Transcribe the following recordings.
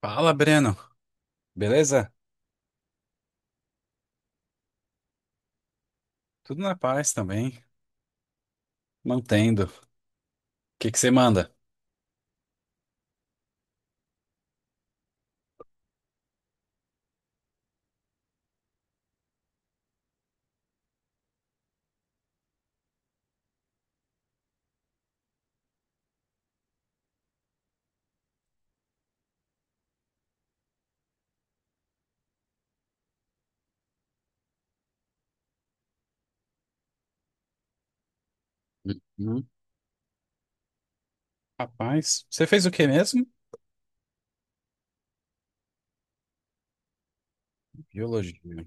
Fala, Breno. Beleza? Tudo na paz também. Mantendo. O que você manda? Uhum. Rapaz, você fez o que mesmo? Biologia.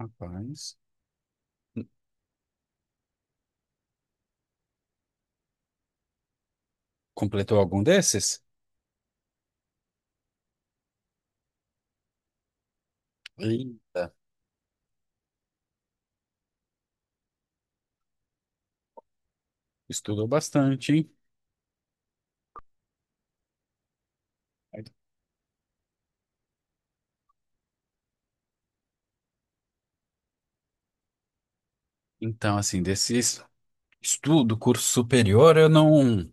Rapaz. Completou algum desses? Eita. Estudou bastante, hein? Então, assim, desses estudo, curso superior, eu não.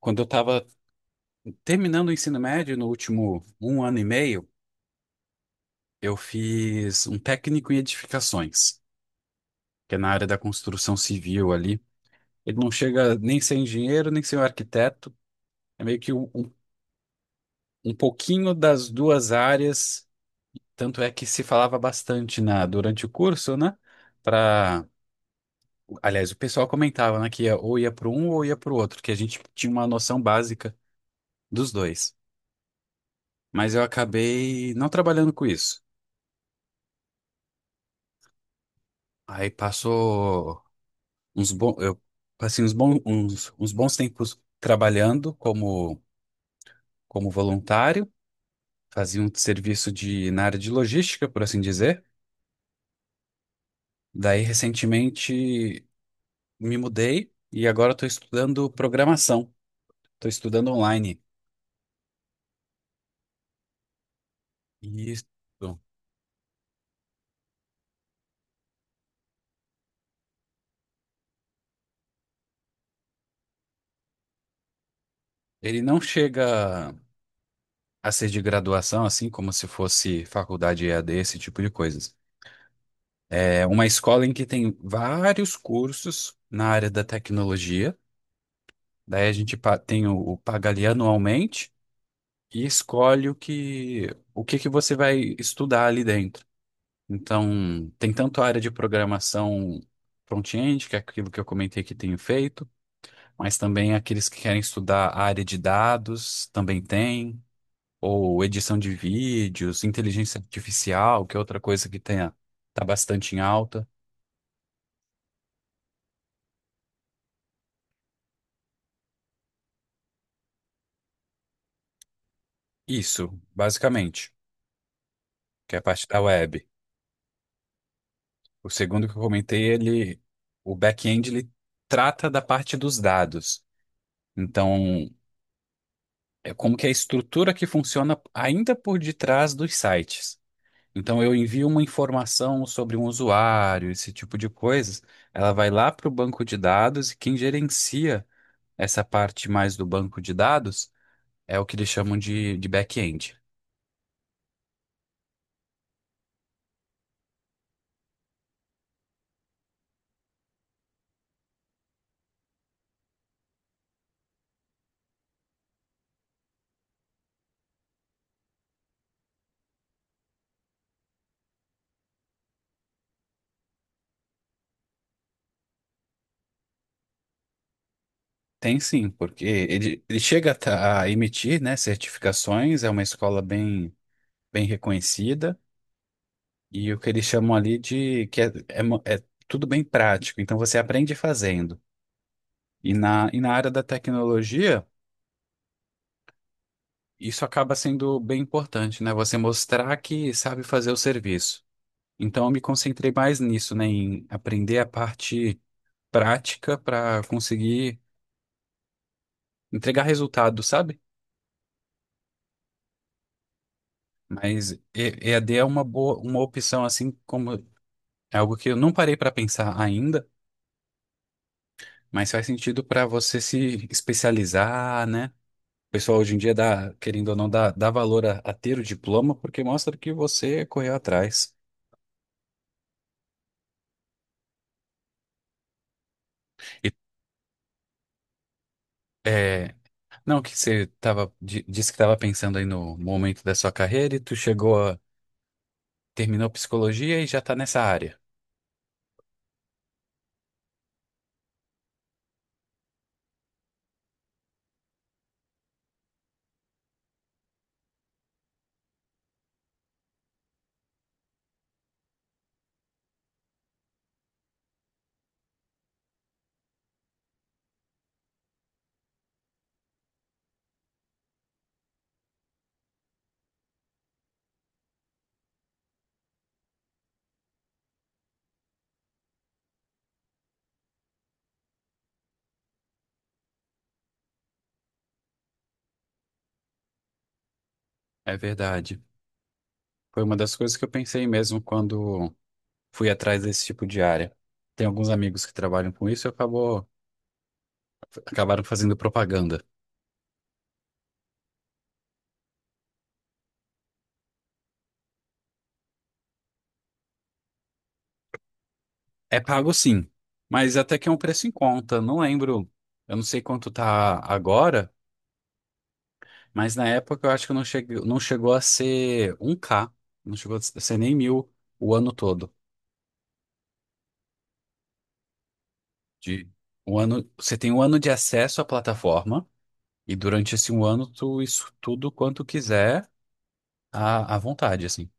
Quando eu estava terminando o ensino médio, no último um ano e meio, eu fiz um técnico em edificações, que é na área da construção civil ali. Ele não chega nem sem engenheiro, nem sem arquiteto. É meio que um pouquinho das duas áreas. Tanto é que se falava bastante na, durante o curso, né? Pra, aliás, o pessoal comentava, né, que ia, ou ia para um ou ia para o outro, que a gente tinha uma noção básica dos dois. Mas eu acabei não trabalhando com isso. Aí passou uns bons, eu passei uns bons, uns bons tempos trabalhando como, como voluntário. Fazia um serviço de, na área de logística, por assim dizer. Daí, recentemente, me mudei e agora estou estudando programação. Estou estudando online. E isso, ele não chega a ser de graduação, assim como se fosse faculdade EAD, esse tipo de coisas. É uma escola em que tem vários cursos na área da tecnologia. Daí a gente tem o paga ali anualmente e escolhe o que que você vai estudar ali dentro. Então, tem tanto a área de programação front-end, que é aquilo que eu comentei que tenho feito, mas também aqueles que querem estudar a área de dados também tem, ou edição de vídeos, inteligência artificial, que é outra coisa que tem, tá bastante em alta. Isso, basicamente, que é a parte da web. O segundo que eu comentei, ele, o back-end, ele trata da parte dos dados. Então, é como que é a estrutura que funciona ainda por detrás dos sites. Então, eu envio uma informação sobre um usuário, esse tipo de coisas. Ela vai lá para o banco de dados e quem gerencia essa parte mais do banco de dados é o que eles chamam de back-end. Tem sim, porque ele chega a a emitir, né, certificações, é uma escola bem, bem reconhecida e o que eles chamam ali de que é, é é tudo bem prático, então você aprende fazendo. E na área da tecnologia. Isso acaba sendo bem importante, né? Você mostrar que sabe fazer o serviço. Então, eu me concentrei mais nisso, né? Em aprender a parte prática para conseguir entregar resultado, sabe? Mas EAD é uma boa, uma opção, assim como é algo que eu não parei para pensar ainda, mas faz sentido para você se especializar, né? O pessoal hoje em dia dá, querendo ou não, dá valor a ter o diploma porque mostra que você correu atrás. E, é, Não, que você tava, disse que estava pensando aí no momento da sua carreira e tu chegou a, terminou psicologia e já tá nessa área. É verdade. Foi uma das coisas que eu pensei mesmo quando fui atrás desse tipo de área. Tem alguns amigos que trabalham com isso e acabaram fazendo propaganda. É pago sim, mas até que é um preço em conta. Não lembro, eu não sei quanto tá agora, mas na época eu acho que não chegou a ser um k, não chegou a ser nem mil o ano todo. De um ano, você tem um ano de acesso à plataforma e durante esse um ano tu isso tudo quanto quiser à vontade, assim.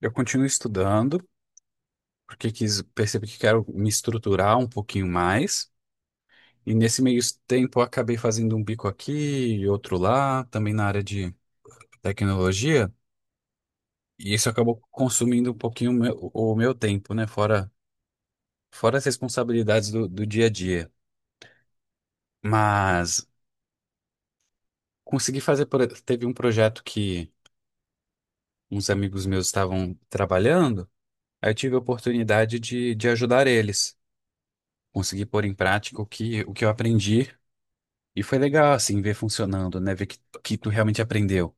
Eu continuo estudando porque quis, percebi que quero me estruturar um pouquinho mais. E nesse meio tempo eu acabei fazendo um bico aqui e outro lá, também na área de tecnologia. E isso acabou consumindo um pouquinho o meu tempo, né? Fora as responsabilidades do dia a dia. Mas consegui fazer, teve um projeto que uns amigos meus estavam trabalhando, aí eu tive a oportunidade de ajudar eles. Consegui pôr em prática o que eu aprendi e foi legal, assim, ver funcionando, né? Ver que tu realmente aprendeu.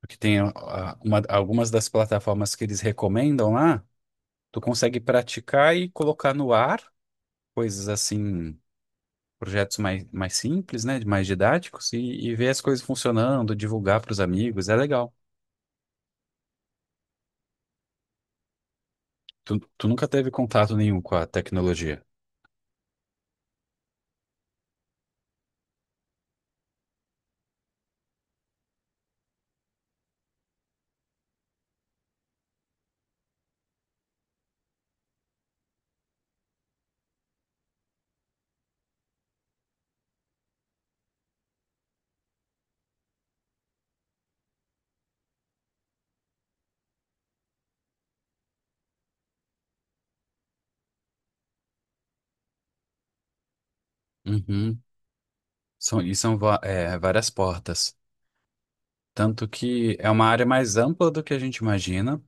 Porque tem algumas das plataformas que eles recomendam lá, tu consegue praticar e colocar no ar, coisas assim projetos mais, mais simples, né? Mais didáticos e ver as coisas funcionando, divulgar para os amigos, é legal. Tu, tu nunca teve contato nenhum com a tecnologia. Uhum. São, e são várias portas. Tanto que é uma área mais ampla do que a gente imagina.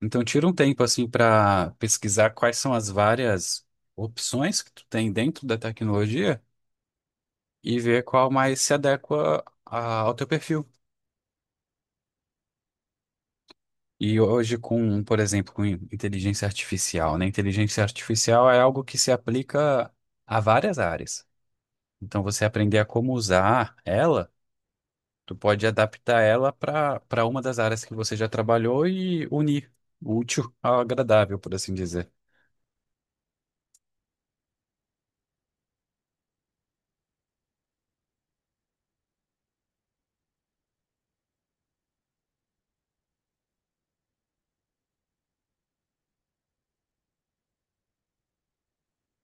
Então, tira um tempo assim para pesquisar quais são as várias opções que tu tem dentro da tecnologia e ver qual mais se adequa ao teu perfil. E hoje com, por exemplo, com inteligência artificial, né? Inteligência artificial é algo que se aplica a várias áreas. Então, você aprender a como usar ela, tu pode adaptar ela para uma das áreas que você já trabalhou e unir o útil ao agradável, por assim dizer.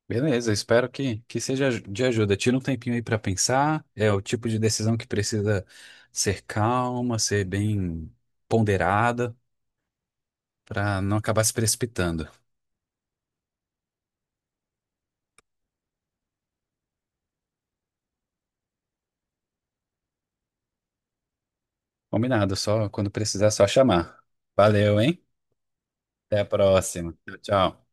Beleza, espero que seja de ajuda. Tira um tempinho aí para pensar. É o tipo de decisão que precisa ser calma, ser bem ponderada, para não acabar se precipitando. Combinado, só quando precisar, é só chamar. Valeu, hein? Até a próxima. Tchau, tchau.